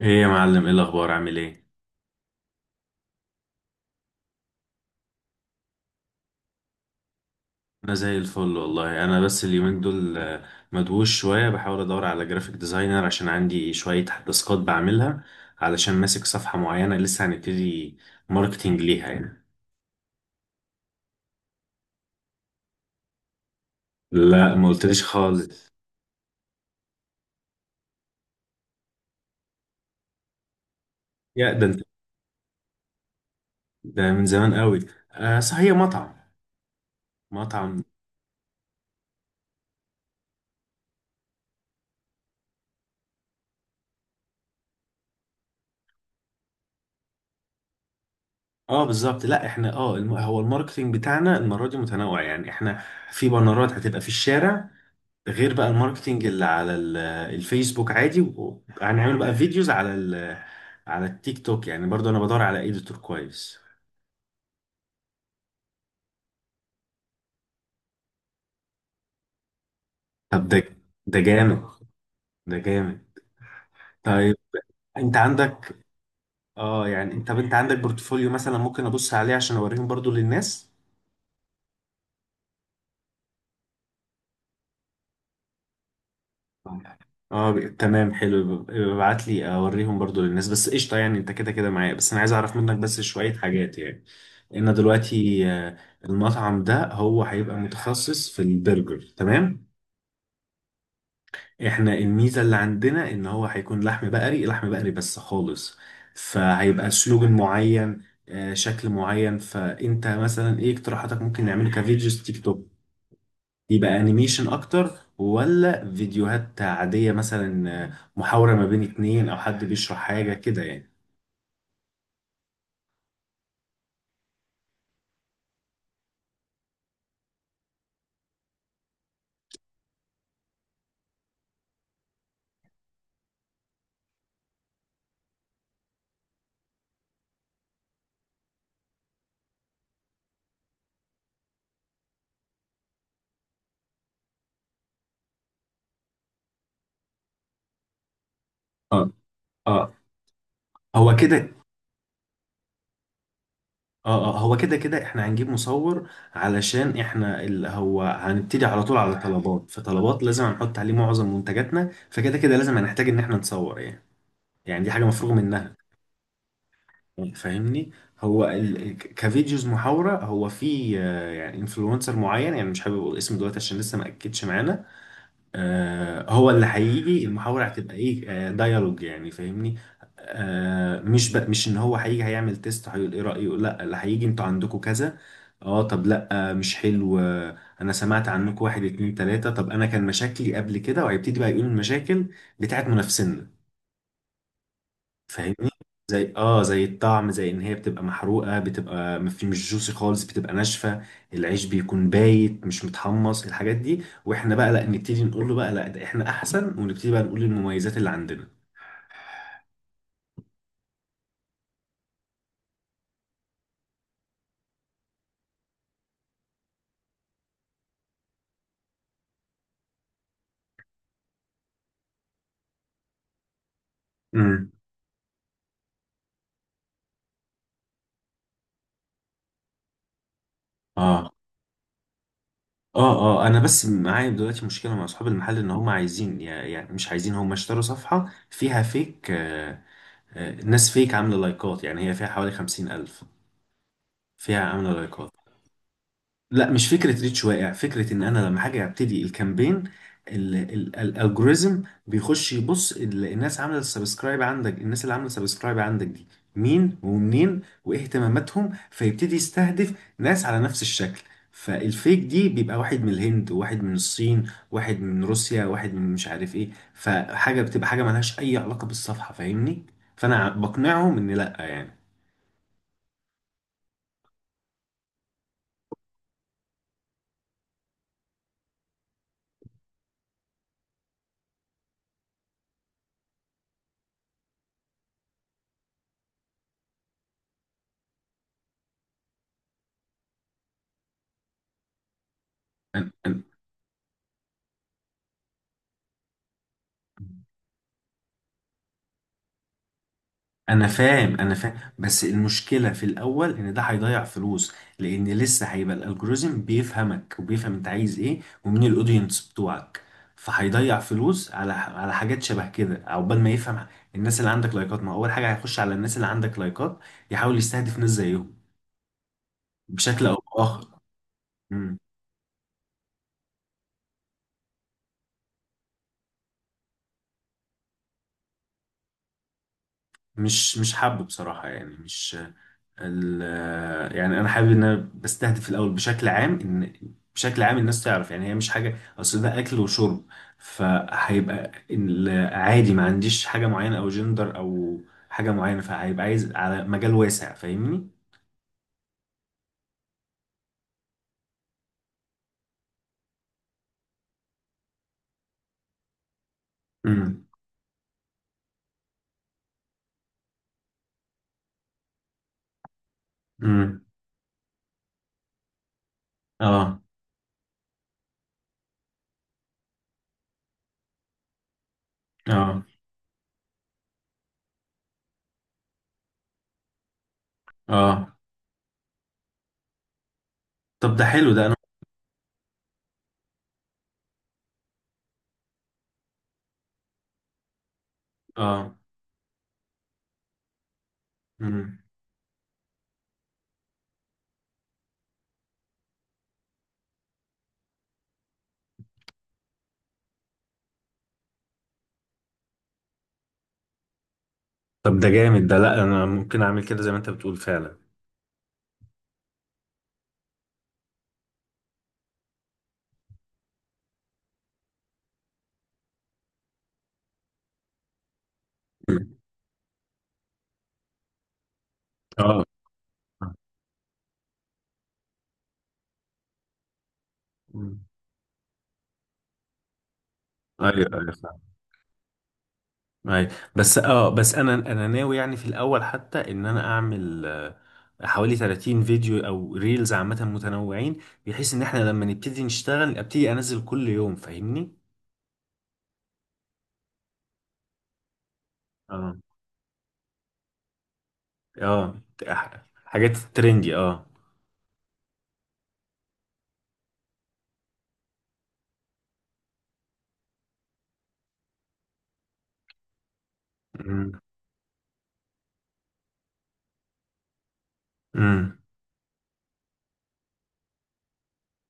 ايه يا معلم، ايه الاخبار، عامل ايه؟ انا زي الفل والله. انا بس اليومين دول مدووش شويه بحاول ادور على جرافيك ديزاينر عشان عندي شويه تاسكات بعملها، علشان ماسك صفحه معينه لسه هنبتدي ماركتينج ليها يعني. لا، ما قلتليش خالص. يا ده انت، ده من زمان قوي. آه صح، هي مطعم. مطعم. اه بالظبط. لا احنا اه هو الماركتينج بتاعنا المره دي متنوع، يعني احنا في بانرات هتبقى في الشارع، غير بقى الماركتينج اللي على الفيسبوك عادي، وهنعمل بقى فيديوز على ال على التيك توك. يعني برضو انا بدور على اديتور كويس. طب ده جامد، ده جامد. طيب انت عندك، انت عندك بورتفوليو مثلا ممكن ابص عليه عشان اوريهم برضو للناس؟ اه، تمام، حلو، ابعت لي اوريهم برضو للناس. بس قشطه، يعني انت كده كده معايا، بس انا عايز اعرف منك بس شويه حاجات يعني، لان دلوقتي المطعم ده هو هيبقى متخصص في البرجر، تمام؟ احنا الميزه اللي عندنا ان هو هيكون لحم بقري، لحم بقري بس خالص، فهيبقى سلوجن معين، شكل معين. فانت مثلا ايه اقتراحاتك؟ ممكن نعمله كفيديوز تيك توك، يبقى انيميشن اكتر، ولا فيديوهات عادية مثلا، محاورة ما بين اتنين، او حد بيشرح حاجة كده يعني. اه، اه هو كده. اه اه، هو كده، كده احنا هنجيب مصور، علشان احنا اللي هو هنبتدي على طول على طلبات، فطلبات لازم هنحط عليه معظم منتجاتنا، فكده كده لازم هنحتاج ان احنا نصور يعني. يعني دي حاجة مفروغ منها. فاهمني؟ هو كفيديوز محاورة، هو في يعني انفلونسر معين، يعني مش حابب اقول اسمه دلوقتي عشان لسه ما اكدش معانا، هو اللي هيجي. المحاورة هتبقى ايه؟ ديالوج يعني، فاهمني؟ مش بقى مش ان هو هيجي هيعمل تيست هيقول ايه رأيه، لا، اللي هيجي انتوا عندكم كذا. اه، طب لا، مش حلو. انا سمعت عنكم، واحد اتنين تلاتة، طب انا كان مشاكلي قبل كده، وهيبتدي بقى يقول المشاكل بتاعت منافسينا، فاهمني؟ زي اه، زي الطعم، زي ان هي بتبقى محروقه، بتبقى ما في، مش جوسي خالص، بتبقى ناشفه، العيش بيكون بايت مش متحمص، الحاجات دي. واحنا بقى لا نبتدي نقول له بقى لا، ده احنا احسن، ونبتدي بقى نقول المميزات اللي عندنا. امم اه، اه اه. انا بس معايا دلوقتي مشكله مع اصحاب المحل، ان هم عايزين يعني مش عايزين، هم اشتروا صفحه فيها فيك، ناس فيك عامله لايكات، يعني هي فيها حوالي خمسين الف، فيها عامله لايكات. لا، مش فكرة ريتش واقع، فكرة ان انا لما حاجة ابتدي الكامبين، الالجوريزم بيخش يبص الناس عاملة سبسكرايب عندك. الناس اللي عاملة سبسكرايب عندك دي مين ومنين وايه اهتماماتهم؟ فيبتدي يستهدف ناس على نفس الشكل. فالفيك دي بيبقى واحد من الهند، واحد من الصين، واحد من روسيا، واحد من مش عارف ايه، فحاجة بتبقى حاجة ملهاش اي علاقة بالصفحة، فاهمني؟ فانا بقنعهم ان لا يعني. أنا- أنا- انا فاهم، انا فاهم، بس المشكله في الاول ان ده هيضيع فلوس، لان لسه هيبقى الالجوريزم بيفهمك، وبيفهم انت عايز ايه، ومين الاودينس بتوعك، فهيضيع فلوس على حاجات شبه كده عقبال ما يفهم. الناس اللي عندك لايكات، ما هو اول حاجه هيخش على الناس اللي عندك لايكات، يحاول يستهدف ناس زيهم بشكل او باخر. مم. مش حابب بصراحه، يعني مش ال- يعني انا حابب ان انا بستهدف في الاول بشكل عام، ان بشكل عام الناس تعرف، يعني هي مش حاجه، اصل ده اكل وشرب، فهيبقى عادي، ما عنديش حاجه معينه او جندر او حاجه معينه، فهيبقى عايز على مجال واسع، فاهمني؟ امم امم. اه اه اه. طب ده حلو، ده انا، اه، امم طب ده جامد، ده لا انا ممكن اعمل كده زي ما انت بتقول فعلا. مم. اه، مم. ايوه، ايوه. أي. بس اه، بس انا ناوي يعني في الاول، حتى ان انا اعمل حوالي 30 فيديو او ريلز عامة متنوعين، بحيث ان احنا لما نبتدي نشتغل ابتدي انزل كل يوم، فاهمني؟ اه اه، حاجات ترندي، اه. امم أمم.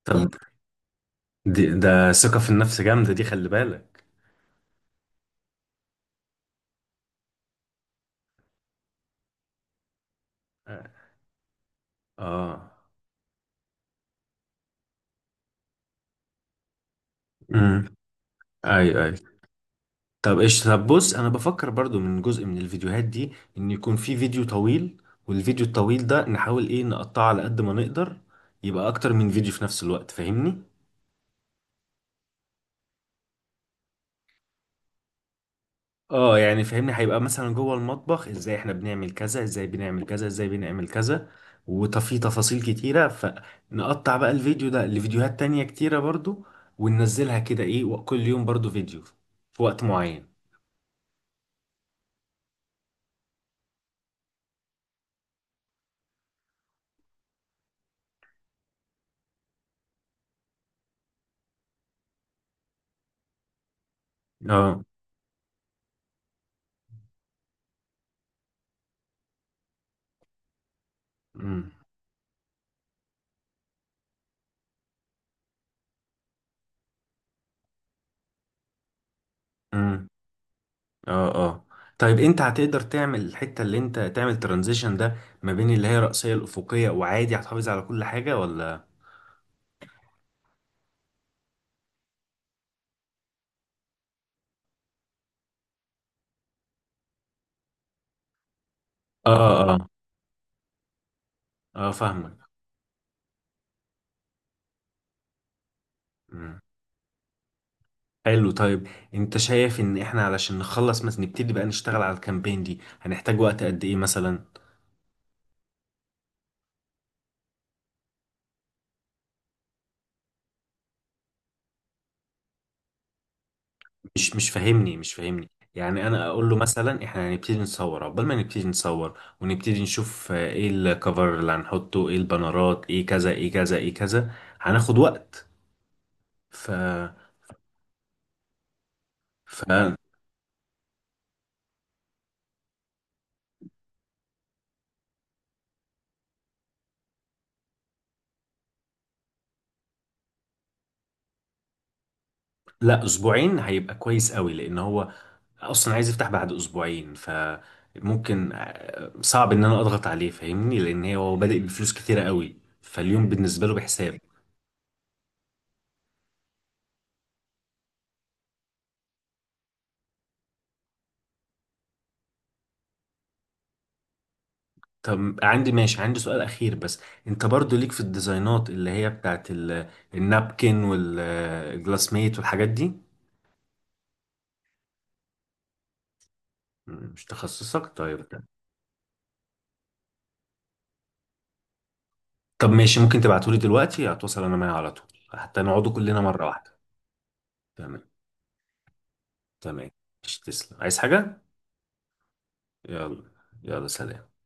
طب دي، ده ثقة في النفس جامدة دي، خلي بالك. اه، امم، اي اي. طب ايش طب بص، انا بفكر برضو من جزء من الفيديوهات دي ان يكون في فيديو طويل، والفيديو الطويل ده نحاول ايه نقطعه على قد ما نقدر، يبقى اكتر من فيديو في نفس الوقت، فاهمني؟ اه يعني فاهمني، هيبقى مثلا جوه المطبخ، ازاي احنا بنعمل كذا، ازاي بنعمل كذا، ازاي بنعمل كذا، وفي تفاصيل كتيرة، فنقطع بقى الفيديو ده لفيديوهات تانية كتيرة برضو، وننزلها كده ايه وكل يوم برضو فيديو في وقت معين. اه، امم، اه اه. طيب انت هتقدر تعمل الحتة اللي انت تعمل ترانزيشن ده ما بين اللي هي رأسية الأفقية؟ وعادي هتحافظ على كل حاجة ولا؟ اه اه، اه فاهمك. مم. حلو، طيب. انت شايف ان احنا علشان نخلص مثلا، نبتدي بقى نشتغل على الكامبين دي، هنحتاج وقت قد ايه مثلا؟ مش فاهمني، مش فاهمني، يعني انا اقول له مثلا احنا هنبتدي نصور، عقبال ما نبتدي نصور ونبتدي نشوف ايه الكفر اللي هنحطه، ايه البانرات، ايه كذا، ايه كذا، ايه كذا، هناخد وقت، ف ف لا، اسبوعين هيبقى كويس قوي، لان هو اصلا عايز يفتح بعد اسبوعين. فممكن صعب ان انا اضغط عليه، فاهمني؟ لان هو بادئ بفلوس كتيره قوي، فاليوم بالنسبه له بحساب. طب عندي سؤال اخير بس. انت برضو ليك في الديزاينات اللي هي بتاعت النابكن والجلاس ميت والحاجات دي؟ مش تخصصك، طيب. طب ماشي، ممكن تبعتولي دلوقتي، هتوصل انا معايا على طول، حتى نقعدوا كلنا مره واحده. تمام. تمام. مش تسلم، عايز حاجه؟ يلا، يلا سلام.